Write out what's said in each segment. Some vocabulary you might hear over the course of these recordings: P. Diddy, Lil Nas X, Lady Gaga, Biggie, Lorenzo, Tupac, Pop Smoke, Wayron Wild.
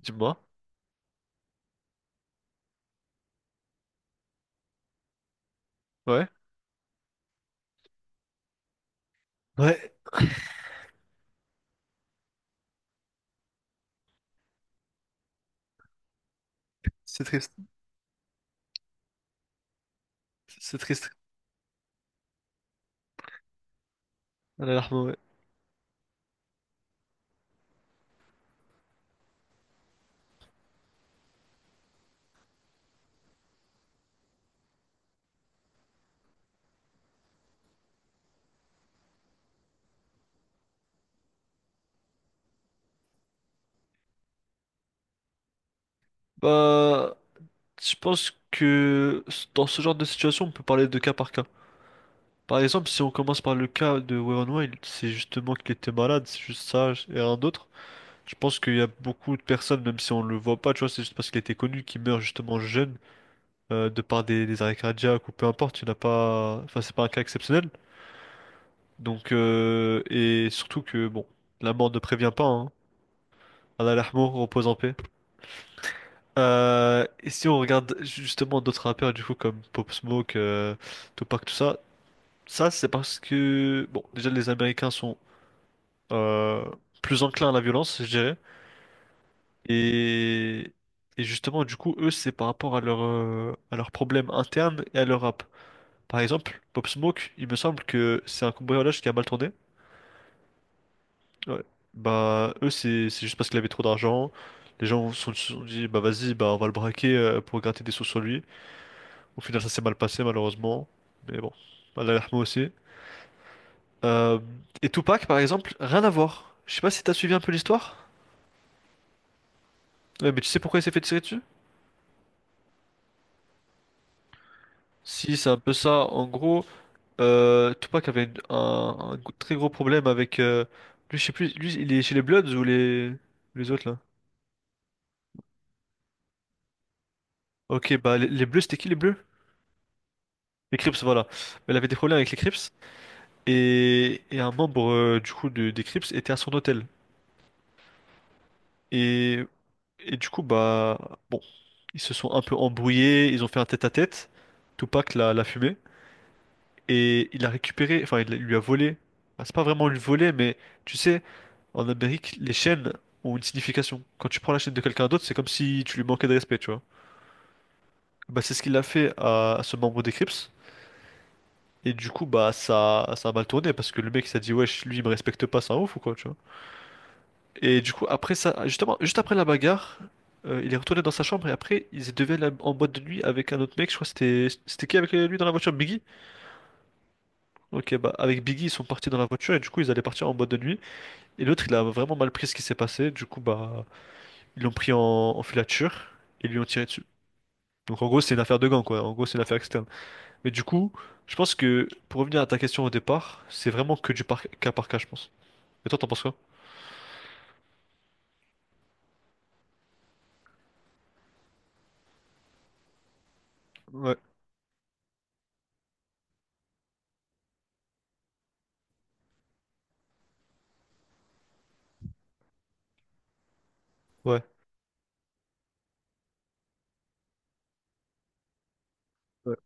Dis-moi. Ouais. Ouais, c'est triste. C'est triste. Allah yarhamou, ouais. Bah, je pense que dans ce genre de situation, on peut parler de cas. Par exemple, si on commence par le cas de Wayron Wild, c'est justement qu'il était malade, c'est juste ça et rien d'autre. Je pense qu'il y a beaucoup de personnes, même si on le voit pas, tu vois, c'est juste parce qu'il était connu, qui meurt justement jeune, de par des arrêts cardiaques ou peu importe, il n'y en a pas, enfin, c'est pas un cas exceptionnel. Donc, et surtout que, bon, la mort ne prévient pas, hein. Allah yarhamou, repose en paix. Et si on regarde justement d'autres rappeurs, du coup, comme Pop Smoke, Tupac, tout ça, ça c'est parce que, bon, déjà les Américains sont euh, plus enclins à la violence, je dirais. Et, et justement, du coup, eux, c'est par rapport à leur, à leurs problèmes internes et à leur rap. Par exemple, Pop Smoke, il me semble que c'est un cambriolage qui a mal tourné. Ouais. Bah, eux, c'est juste parce qu'il avait trop d'argent. Les gens se sont dit, bah vas-y, bah on va le braquer pour gratter des sous sur lui. Au final, ça s'est mal passé, malheureusement. Mais bon, Allah yarhamou aussi. Euh, et Tupac, par exemple, rien à voir. Je sais pas si t'as suivi un peu l'histoire. Ouais, mais tu sais pourquoi il s'est fait tirer dessus? Si, c'est un peu ça. En gros, Tupac avait un très gros problème avec... lui, je sais plus, lui, il est chez les Bloods ou les autres, là? Ok, bah, les Bleus, c'était qui, les Bleus? Les Crips, voilà. Mais il avait des problèmes avec les Crips. Et un membre, du coup, des Crips était à son hôtel. Et Et du coup, bah, bon, ils se sont un peu embrouillés, ils ont fait un tête-à-tête. Tupac l'a fumé et il a récupéré, enfin, il lui a volé. Enfin, c'est pas vraiment lui voler, mais tu sais, en Amérique, les chaînes ont une signification. Quand tu prends la chaîne de quelqu'un d'autre, c'est comme si tu lui manquais de respect, tu vois. Bah, c'est ce qu'il a fait à ce membre des Crips. Et du coup, bah, ça a mal tourné parce que le mec, il s'est dit, wesh, lui, il me respecte pas, c'est un ouf ou quoi, tu vois. Et du coup, après ça, justement, juste après la bagarre, il est retourné dans sa chambre et après, ils deviennent en boîte de nuit avec un autre mec. Je crois que c'était qui avec lui dans la voiture? Biggie? Ok, bah avec Biggie, ils sont partis dans la voiture et du coup, ils allaient partir en boîte de nuit. Et l'autre, il a vraiment mal pris ce qui s'est passé. Du coup, bah, ils l'ont pris en filature et lui ont tiré dessus. Donc en gros, c'est une affaire de gang, quoi. En gros, c'est une affaire externe. Mais du coup, je pense que pour revenir à ta question au départ, c'est vraiment que cas par cas, je pense. Et toi, t'en penses quoi? Ouais, ouais, ouais.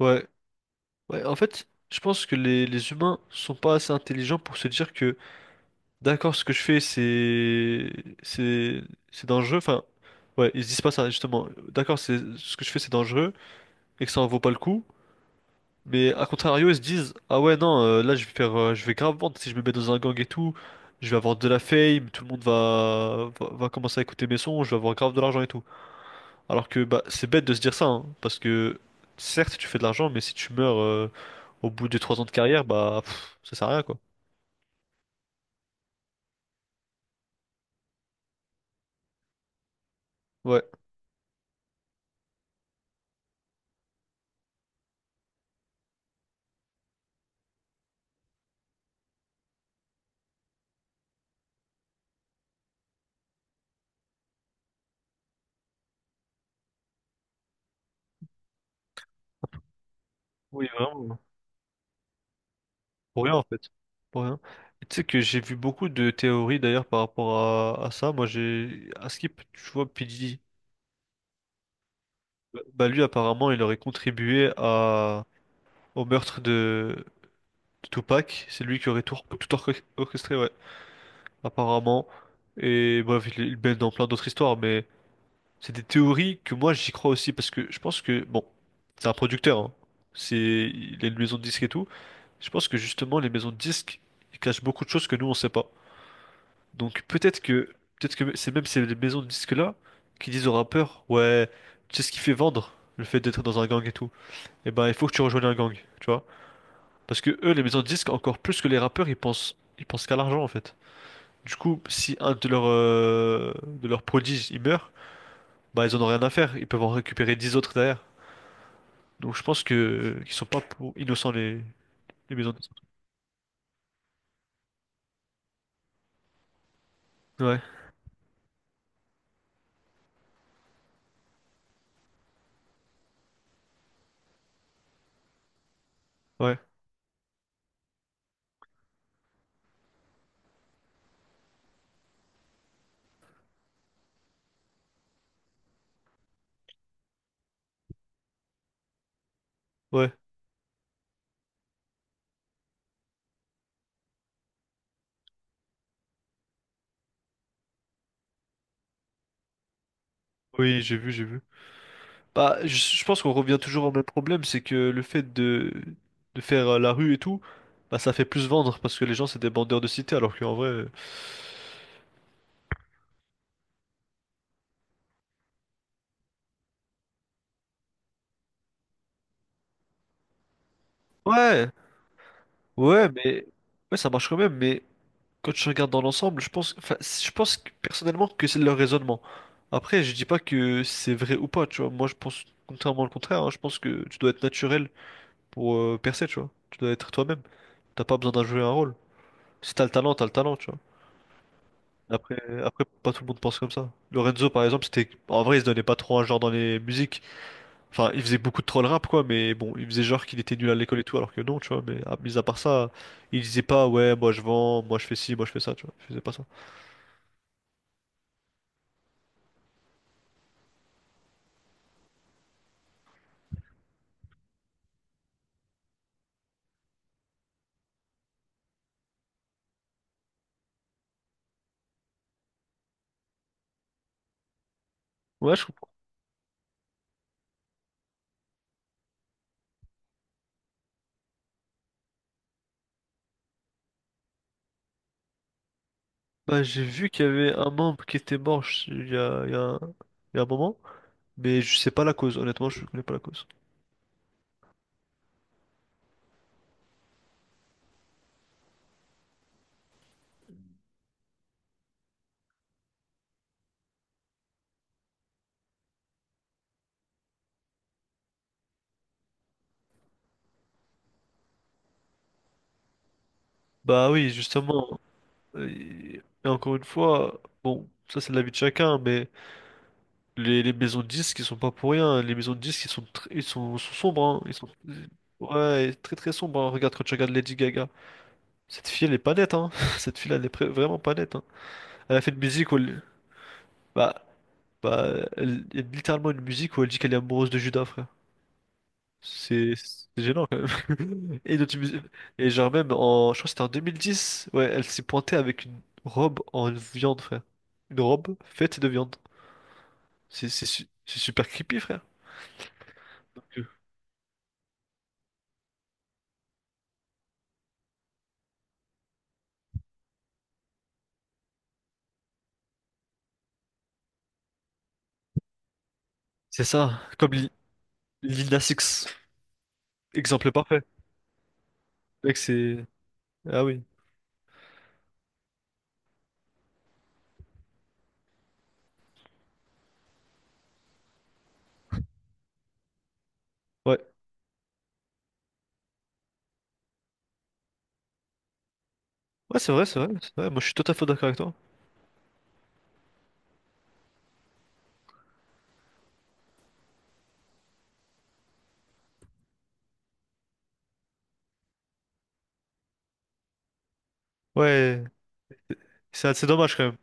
Ouais, Ouais, en fait, je pense que les humains sont pas assez intelligents pour se dire que, d'accord, ce que je fais, c'est, c'est dangereux. Enfin, ouais, ils se disent pas ça, justement. D'accord, c'est, ce que je fais, c'est dangereux et que ça en vaut pas le coup. Mais à contrario, ils se disent, ah ouais, non, là, je vais faire, je vais grave vendre si je me mets dans un gang et tout. Je vais avoir de la fame, tout le monde va commencer à écouter mes sons, je vais avoir grave de l'argent et tout. Alors que bah, c'est bête de se dire ça, hein, parce que certes tu fais de l'argent, mais si tu meurs au bout de 3 ans de carrière, bah pff, ça sert à rien quoi. Ouais. Oui, vraiment. Pour rien en fait. Pour rien. Et tu sais que j'ai vu beaucoup de théories d'ailleurs par rapport à ça. Moi j'ai à Skip, tu vois, P. Diddy, lui apparemment il aurait contribué à au meurtre de Tupac. C'est lui qui aurait tout orchestré, ouais, apparemment. Et bref, il baigne dans plein d'autres histoires, mais. C'est des théories que moi j'y crois aussi parce que je pense que bon, c'est un producteur, hein. C'est il a une maison de disques et tout. Je pense que justement les maisons de disques ils cachent beaucoup de choses que nous on sait pas. Donc peut-être que c'est même ces maisons de disques là qui disent aux rappeurs ouais, tu sais ce qui fait vendre le fait d'être dans un gang et tout. Et ben il faut que tu rejoignes un gang, tu vois? Parce que eux les maisons de disques encore plus que les rappeurs ils pensent qu'à l'argent en fait. Du coup si un de leurs prodiges il meurt, bah ils en ont rien à faire. Ils peuvent en récupérer 10 autres derrière. Donc je pense que qu'ils sont pas pour innocents les maisons de disques. Ouais, ouais, ouais. Oui, j'ai vu, j'ai vu. Bah, je pense qu'on revient toujours au même problème, c'est que le fait de faire la rue et tout, bah ça fait plus vendre parce que les gens c'est des bandeurs de cité, alors qu'en vrai, ouais, ouais, mais ouais, ça marche quand même. Mais quand je regarde dans l'ensemble, je pense, enfin, personnellement que c'est leur raisonnement. Après, je dis pas que c'est vrai ou pas, tu vois. Moi, je pense contrairement au contraire. Hein, je pense que tu dois être naturel pour percer, tu vois. Tu dois être toi-même. T'as pas besoin d'en jouer un rôle. Si t'as le talent, t'as le talent, tu vois. Après, après, pas tout le monde pense comme ça. Lorenzo, par exemple, c'était. En vrai, il se donnait pas trop un genre dans les musiques. Enfin, il faisait beaucoup de troll rap, quoi, mais bon, il faisait genre qu'il était nul à l'école et tout, alors que non, tu vois. Mais mis à part ça, il disait pas, ouais, moi je vends, moi je fais ci, moi je fais ça, tu vois. Il faisait pas ça. Ouais, je comprends. Bah, j'ai vu qu'il y avait un membre qui était mort il y a, il y a un moment, mais je sais pas la cause, honnêtement, je connais pas la cause. Bah oui, justement. Et, et encore une fois, bon, ça c'est l'avis de chacun, mais les maisons de disques, ils sont pas pour rien. Hein. Les maisons de disques, ils sont, sont sombres, hein. Ils sont ouais, et très très sombres. Hein. Regarde quand tu regardes Lady Gaga. Cette fille, elle est pas nette, hein. Cette fille-là, elle est vraiment pas nette, hein. Elle a fait une musique où elle... Bah, elle... il y a littéralement une musique où elle dit qu'elle est amoureuse de Judas, frère. C'est gênant quand même. Et, dans une et genre même, en... je crois que c'était en 2010, ouais, elle s'est pointée avec une robe en viande, frère. Une robe faite de viande. C'est super creepy, frère. Donc, C'est ça, comme Li- Lil Nas X, exemple parfait. Mec, c'est... Ah oui, ouais. Ouais, c'est vrai, c'est vrai, c'est vrai. Moi, je suis tout à fait d'accord avec toi. Ouais, c'est dommage quand même.